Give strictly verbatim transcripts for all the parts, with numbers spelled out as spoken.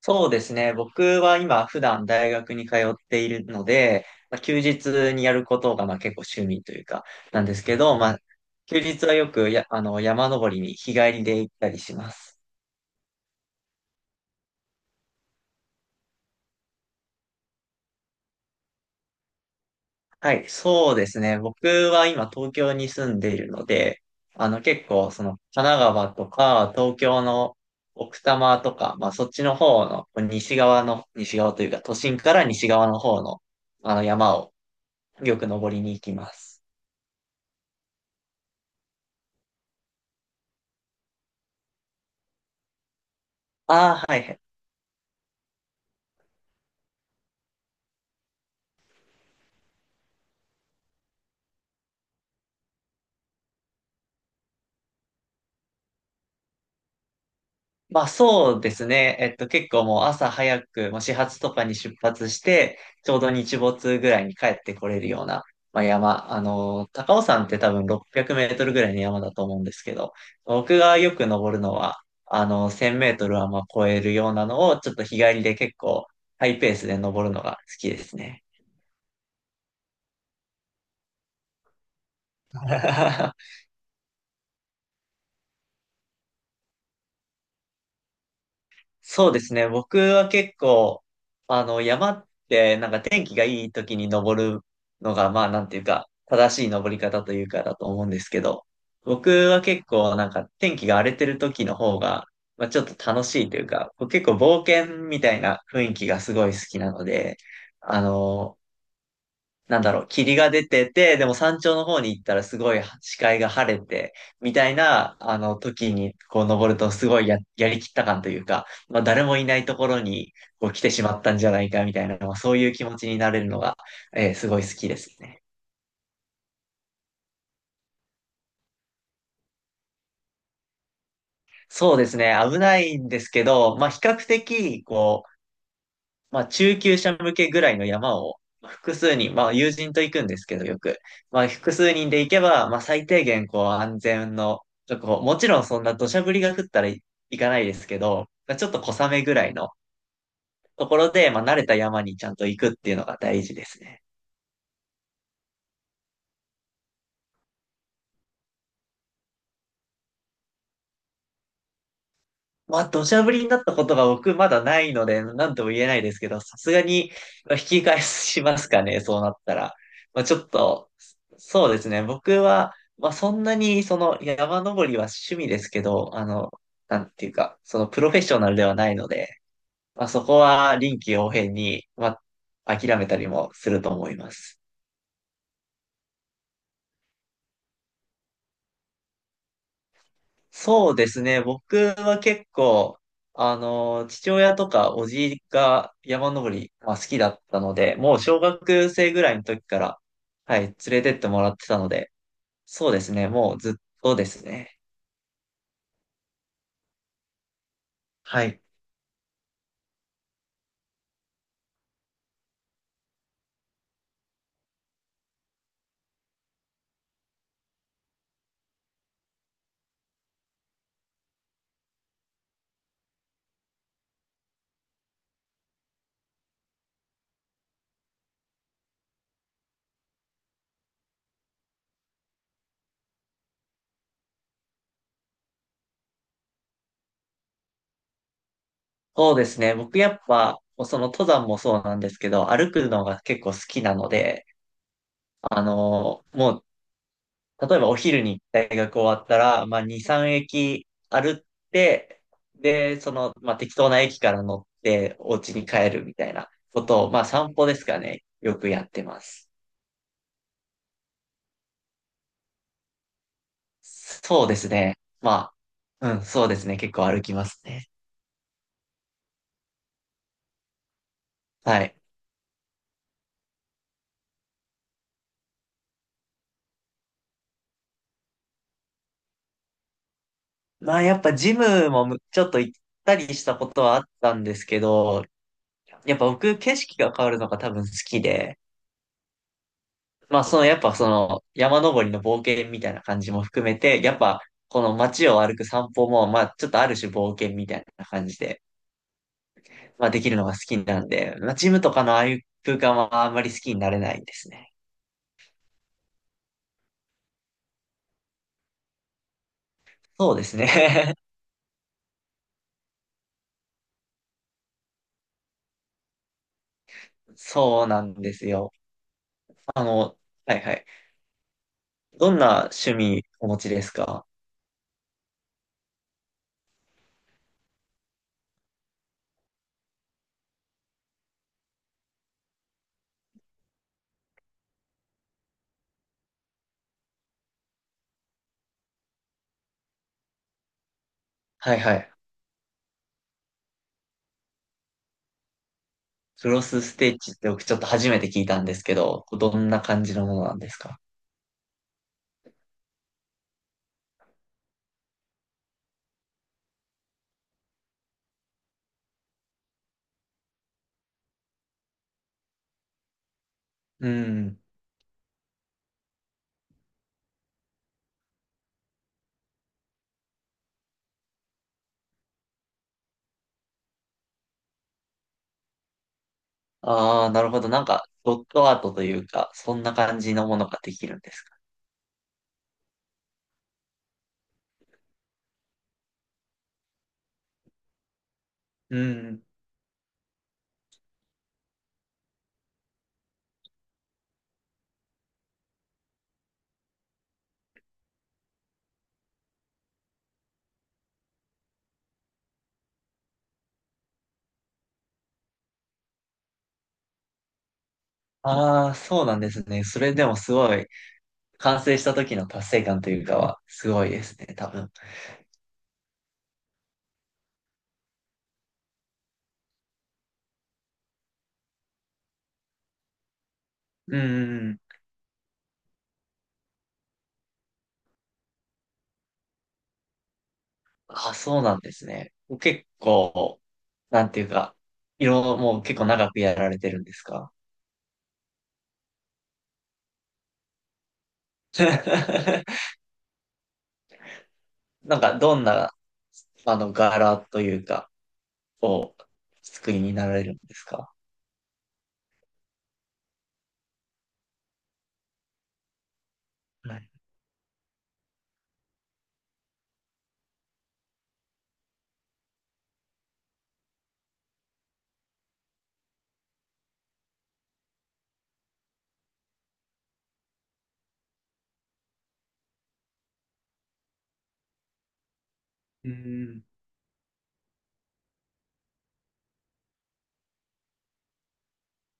そうですね。僕は今普段大学に通っているので、まあ、休日にやることがまあ結構趣味というかなんですけど、まあ、休日はよくや、あの、山登りに日帰りで行ったりします。はい、そうですね。僕は今東京に住んでいるので、あの結構その神奈川とか東京の奥多摩とか、まあそっちの方の西側の、西側というか都心から西側の方のあの山をよく登りに行きます。ああ、はいはい。まあそうですね。えっと結構もう朝早く、もう始発とかに出発して、ちょうど日没ぐらいに帰ってこれるような、まあ、山。あの、高尾山って多分ろっぴゃくメートルぐらいの山だと思うんですけど、僕がよく登るのは、あの、せんメートルはまあ超えるようなのを、ちょっと日帰りで結構ハイペースで登るのが好きですね。そうですね。僕は結構、あの、山ってなんか天気がいい時に登るのが、まあなんていうか、正しい登り方というかだと思うんですけど、僕は結構なんか天気が荒れてる時の方が、まあちょっと楽しいというか、こう結構冒険みたいな雰囲気がすごい好きなので、あの、なんだろう、霧が出てて、でも山頂の方に行ったらすごい視界が晴れて、みたいな、あの、時にこう登るとすごいや、やりきった感というか、まあ誰もいないところにこう来てしまったんじゃないかみたいな、まあそういう気持ちになれるのが、えーすごい好きですね。そうですね、危ないんですけど、まあ比較的、こう、まあ、中級者向けぐらいの山を、まあ複数人、まあ、友人と行くんですけど、よく。まあ、複数人で行けば、まあ、最低限、こう、安全の確保、ともちろんそんな土砂降りが降ったらい行かないですけど、まあちょっと小雨ぐらいのところで、まあ、慣れた山にちゃんと行くっていうのが大事ですね。まあ、土砂降りになったことが僕まだないので、なんとも言えないですけど、さすがにまあ引き返しますかね、そうなったら。まあ、ちょっと、そうですね、僕は、まあ、そんなに、その、山登りは趣味ですけど、あの、なんていうか、その、プロフェッショナルではないので、まあ、そこは臨機応変に、まあ、諦めたりもすると思います。そうですね。僕は結構、あの、父親とかおじいが山登り、まあ、好きだったので、もう小学生ぐらいの時から、はい、連れてってもらってたので、そうですね。もうずっとですね。はい。そうですね。僕やっぱ、その登山もそうなんですけど、歩くのが結構好きなので、あの、もう例えばお昼に大学終わったら、まあ、に、さん駅歩って、で、その、まあ、適当な駅から乗ってお家に帰るみたいなことを、まあ、散歩ですかね。よくやってます。そうですね。まあ、うん、そうですね。結構歩きますね。はい。まあ、やっぱジムもむちょっと行ったりしたことはあったんですけど、やっぱ僕景色が変わるのが多分好きで、まあ、その、やっぱその、山登りの冒険みたいな感じも含めて、やっぱ、この街を歩く散歩も、まあ、ちょっとある種冒険みたいな感じで、まあ、できるのが好きなんで、まあ、ジムとかのああいう空間はあんまり好きになれないですね。そうですね。そうなんですよ。あの、はいはい。どんな趣味お持ちですか？はいはい。クロスステッチって僕ちょっと初めて聞いたんですけど、どんな感じのものなんですか？うん。ああ、なるほど。なんか、ドットアートというか、そんな感じのものができるんですか？うん。ああ、そうなんですね。それでもすごい、完成した時の達成感というかは、すごいですね、多分。うん。ああ、そうなんですね。結構、なんていうか、いろ、もう結構長くやられてるんですか？ なんか、どんな、あの、柄というか、を作りになられるんですか？はい。うん。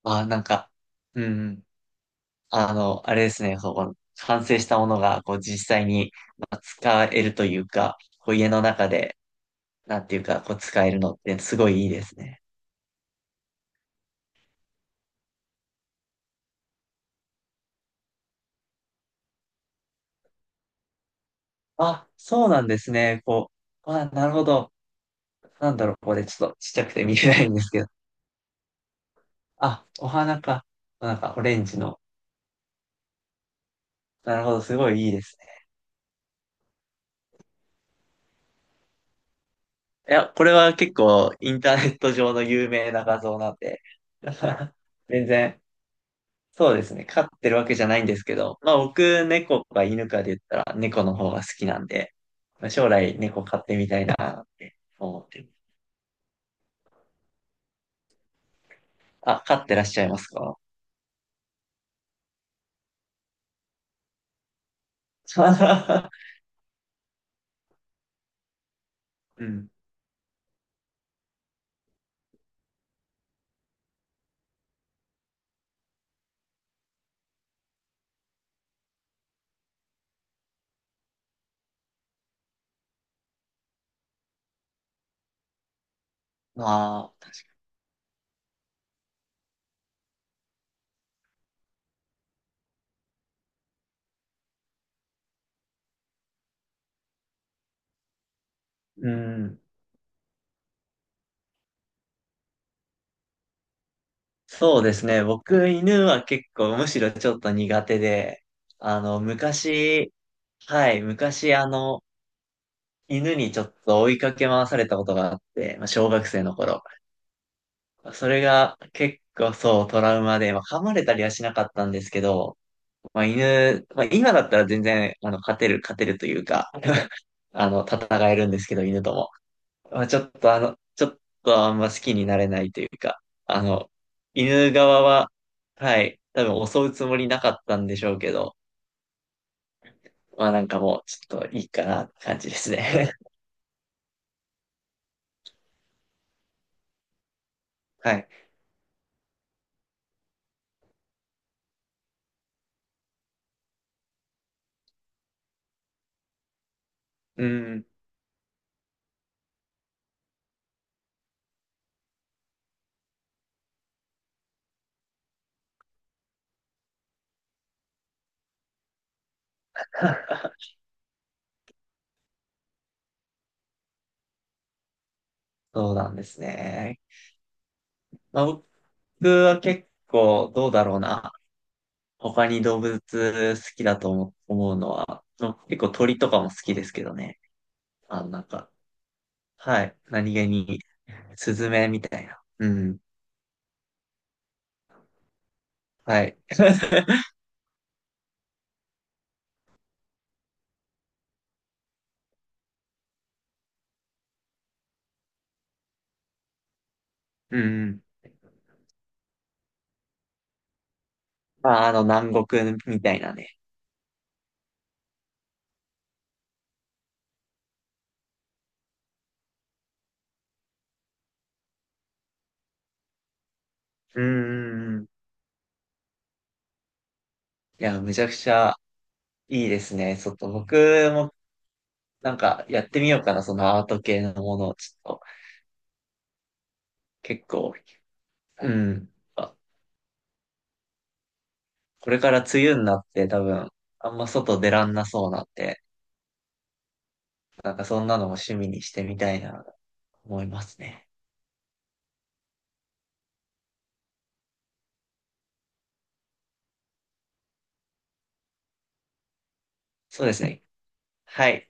あ、なんか、うん。あの、あれですね、そこ、完成したものが、こう、実際にまあ使えるというか、こう、家の中で、なんていうか、こう、使えるのって、すごいいいですね。あ、そうなんですね。こう、あ、なるほど。なんだろう、これ、ちょっとちっちゃくて見えないんですけど。あ、お花か。なんか、オレンジの。なるほど、すごいいいです。いや、これは結構インターネット上の有名な画像なんで、全然、そうですね、飼ってるわけじゃないんですけど、まあ僕、猫か犬かで言ったら猫の方が好きなんで、まあ将来猫飼ってみたいなって思ってる。あ、飼ってらっしゃいますか？ うん。まあ、うん。そうですね、僕、犬は結構むしろちょっと苦手で、あの、昔、はい、昔あの、犬にちょっと追いかけ回されたことがあって、まあ、小学生の頃。それが結構そうトラウマで、まあ、噛まれたりはしなかったんですけど、まあ、犬、まあ、今だったら全然、あの、勝てる、勝てるというか、あの、戦えるんですけど、犬とも。まあ、ちょっとあの、ちょっとあんま好きになれないというか、あの、犬側は、はい、多分襲うつもりなかったんでしょうけど、まあなんかもう、ちょっといいかなって感じですね。はい。うん。そうなんですね。まあ、僕は結構どうだろうな。他に動物好きだと思思うのは、の結構鳥とかも好きですけどね。あの、なんか、はい。何気に、スズメみたいな。うん。はい。うん。まあ、あの、南国みたいなね。うん。いや、めちゃくちゃいいですね。ちょっと僕もなんかやってみようかな、そのアート系のものをちょっと結構、うん。これから梅雨になって多分、あんま外出らんなそうなんで、なんかそんなのも趣味にしてみたいな、思いますね。そうですね。はい。